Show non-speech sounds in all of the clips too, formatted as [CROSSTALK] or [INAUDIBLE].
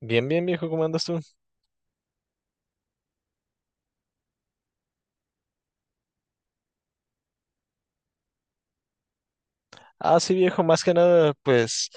Bien, bien, viejo, ¿cómo andas tú? Sí, viejo, más que nada, pues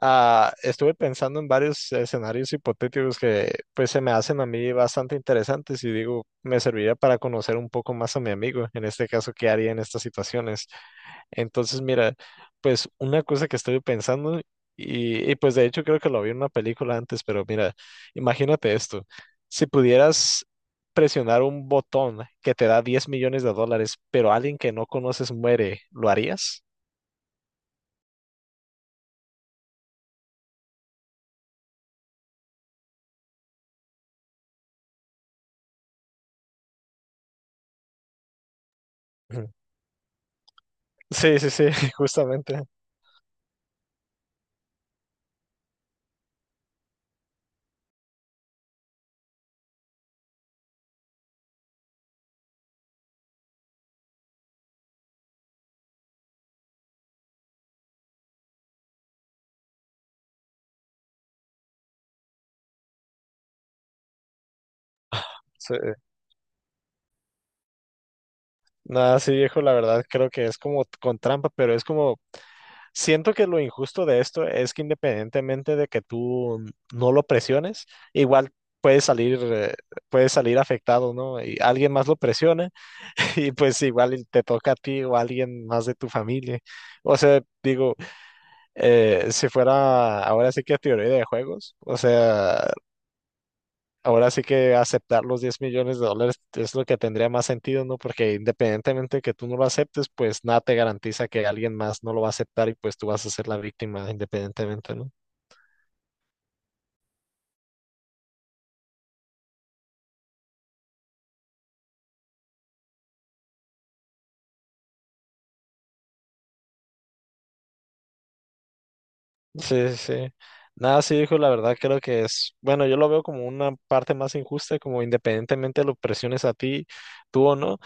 ah, estuve pensando en varios escenarios hipotéticos que pues se me hacen a mí bastante interesantes y digo, me serviría para conocer un poco más a mi amigo, en este caso, qué haría en estas situaciones. Entonces, mira, pues una cosa que estoy pensando, pues de hecho creo que lo vi en una película antes, pero mira, imagínate esto, si pudieras presionar un botón que te da 10 millones de dólares, pero alguien que no conoces muere, ¿lo harías? Ujú. Sí, sí, sí, [LAUGHS] justamente. Sí. Nada, sí, viejo, la verdad creo que es como con trampa, pero es como, siento que lo injusto de esto es que independientemente de que tú no lo presiones, igual puedes salir, eh, puedes salir afectado, ¿no? Y alguien más lo presiona [LAUGHS] y pues igual y te toca a ti o a alguien más de tu familia. O sea, digo, si fuera ahora sí que teoría de juegos, o sea, ahora sí que aceptar los 10 millones de dólares es lo que tendría más sentido, ¿no? Porque independientemente de que tú no lo aceptes, pues nada te garantiza que alguien más no lo va a aceptar y pues tú vas a ser la víctima independientemente, ¿no? Sí, sí, sí. Nada, sí, hijo, la verdad creo que es, bueno, yo lo veo como una parte más injusta, como independientemente lo presiones a ti, tú o no,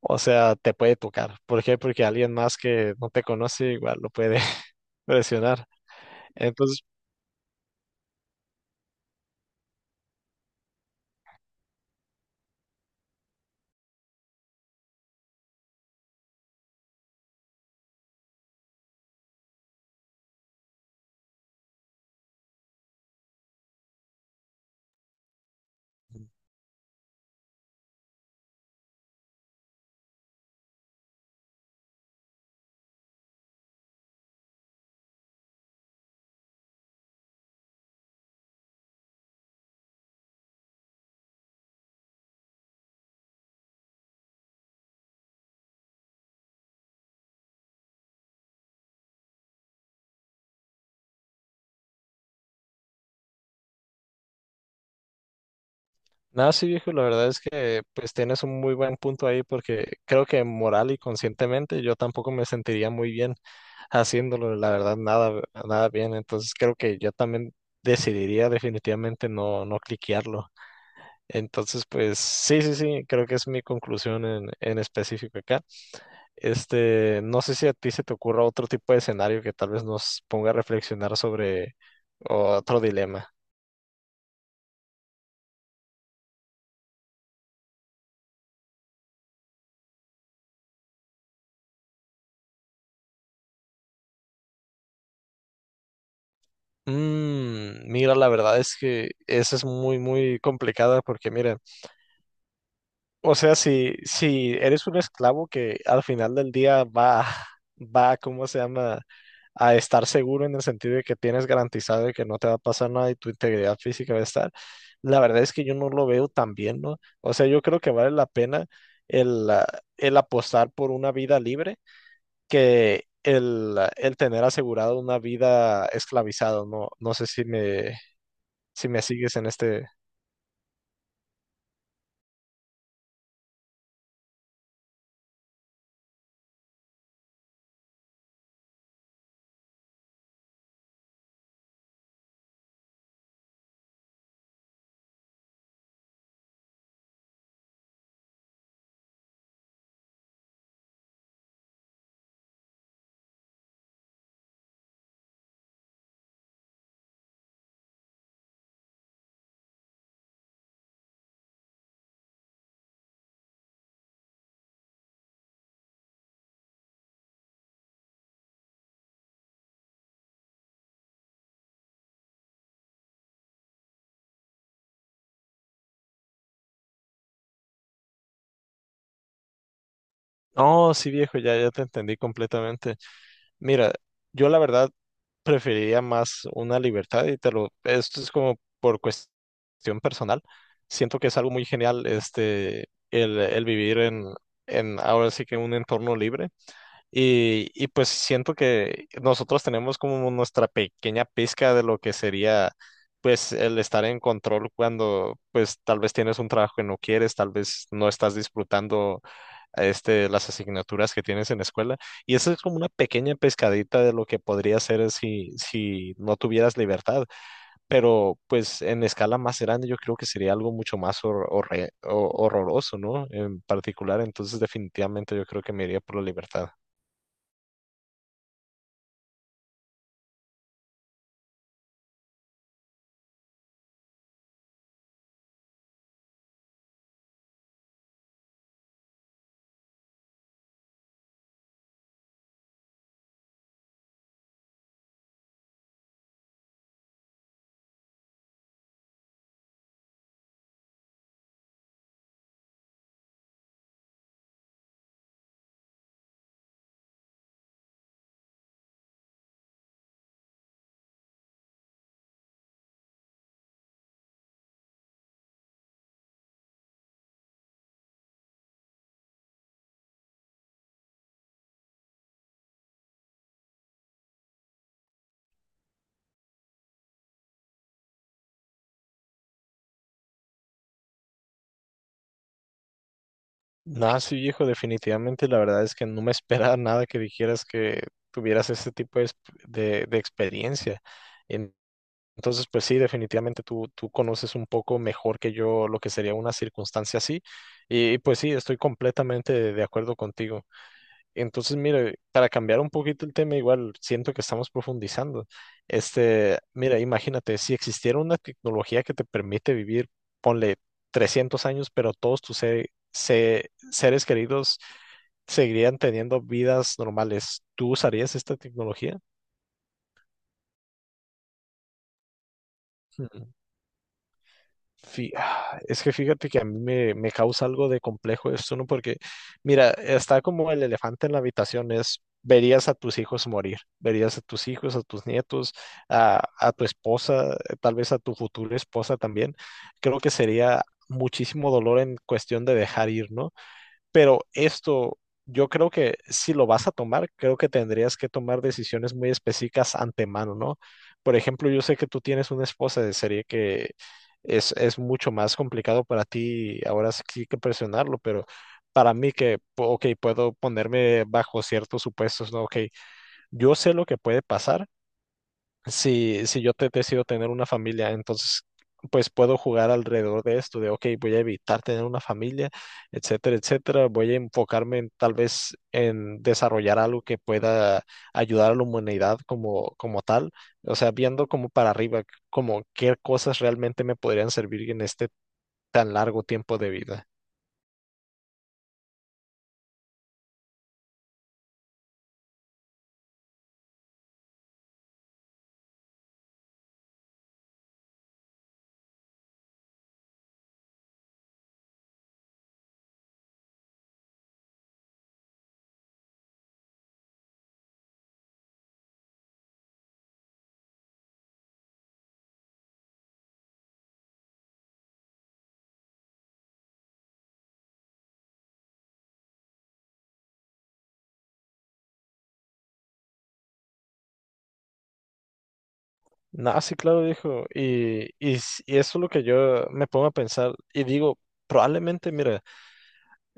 o sea, te puede tocar. ¿Por qué? Porque alguien más que no te conoce igual lo puede [LAUGHS] presionar. Entonces, nada, sí, viejo, la verdad es que pues tienes un muy buen punto ahí porque creo que moral y conscientemente yo tampoco me sentiría muy bien haciéndolo, la verdad, nada, nada bien. Entonces, creo que yo también decidiría definitivamente no, no cliquearlo. Entonces, pues sí, sí, sí, creo que es mi conclusión en específico acá. Este, no sé si a ti se te ocurra otro tipo de escenario que tal vez nos ponga a reflexionar sobre otro dilema. Mm, mira, la verdad es que esa es muy, muy complicada porque mira, o sea, si eres un esclavo que al final del día ¿cómo se llama? A estar seguro en el sentido de que tienes garantizado de que no te va a pasar nada y tu integridad física va a estar. La verdad es que yo no lo veo tan bien, ¿no? O sea, yo creo que vale la pena el, ah, el apostar por una vida libre que el tener asegurado una vida esclavizado, ¿no? No sé si me, si me sigues en este... No, sí, viejo, ya te entendí completamente. Mira, yo la verdad preferiría más una libertad y te lo, esto es como por cuestión personal. Siento que es algo muy genial este, el vivir en ahora sí que en un entorno libre. Y pues siento que nosotros tenemos como nuestra pequeña pizca de lo que sería pues el estar en control cuando pues tal vez tienes un trabajo que no quieres, tal vez no estás disfrutando este, las asignaturas que tienes en la escuela. Y eso es como una pequeña pescadita de lo que podría ser si, si no tuvieras libertad. Pero pues en escala más grande yo creo que sería algo mucho más horroroso, ¿no? En particular, entonces definitivamente yo creo que me iría por la libertad. Nada, sí, viejo, definitivamente la verdad es que no me [LAUGHS] esperaba nada que dijeras que tuvieras este tipo de, de experiencia. En- Entonces, pues sí, definitivamente tú conoces un poco mejor que yo lo que sería una circunstancia así. Y, pues sí, estoy completamente de acuerdo contigo. Entonces, mire, para cambiar un poquito el tema, igual siento que estamos profundizando. Este, mira, imagínate, si existiera una tecnología que te permite vivir, ponle 300 años, pero todos tus seres queridos seguirían teniendo vidas normales, ¿tú usarías esta tecnología? Es que fíjate que a mí me, me causa algo de complejo esto, ¿no? Porque, mira, está como el elefante en la habitación, es, verías a tus hijos morir, verías a tus hijos, a tus nietos, a tu esposa, tal vez a tu futura esposa también. Creo que sería muchísimo dolor en cuestión de dejar ir, ¿no? Pero esto, yo creo que si lo vas a tomar, creo que tendrías que tomar decisiones muy específicas antemano, ¿no? Por ejemplo, yo sé que tú tienes una esposa de serie que es mucho más complicado para ti, ahora sí que presionarlo, pero para mí que, ok, puedo ponerme bajo ciertos supuestos, ¿no? Ok, yo sé lo que puede pasar si, si yo te decido tener una familia, entonces pues puedo jugar alrededor de esto, de, ok, voy a evitar tener una familia, etcétera, etcétera. Voy a enfocarme en, tal vez en desarrollar algo que pueda ayudar a la humanidad como, como tal, o sea, viendo como para arriba, como qué cosas realmente me podrían servir en este tan largo tiempo de vida. No, sí, claro, dijo. Y eso es lo que yo me pongo a pensar y digo, probablemente, mira,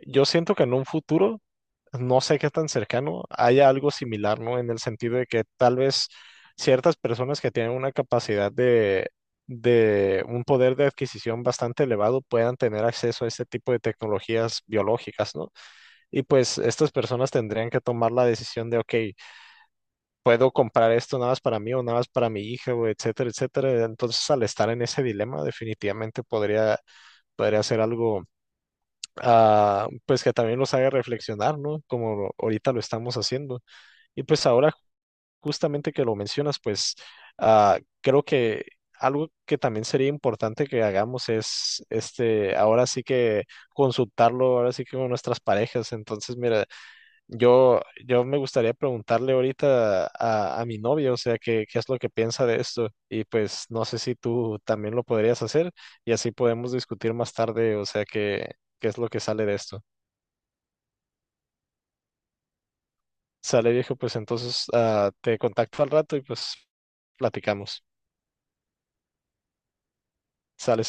yo siento que en un futuro, no sé qué tan cercano, haya algo similar, ¿no? En el sentido de que tal vez ciertas personas que tienen una capacidad de un poder de adquisición bastante elevado puedan tener acceso a este tipo de tecnologías biológicas, ¿no? Y pues estas personas tendrían que tomar la decisión de, ok, puedo comprar esto nada más para mí o nada más para mi hija, o etcétera, etcétera. Entonces, al estar en ese dilema, definitivamente podría ser algo pues que también los haga reflexionar, ¿no? Como ahorita lo estamos haciendo. Y pues ahora, justamente que lo mencionas, pues creo que algo que también sería importante que hagamos es, este, ahora sí que consultarlo, ahora sí que con nuestras parejas. Entonces, mira, yo, yo me gustaría preguntarle ahorita a mi novia, o sea, qué, qué es lo que piensa de esto. Y pues no sé si tú también lo podrías hacer y así podemos discutir más tarde, o sea, qué, qué es lo que sale de esto. Sale viejo, pues entonces te contacto al rato y pues platicamos. Sale.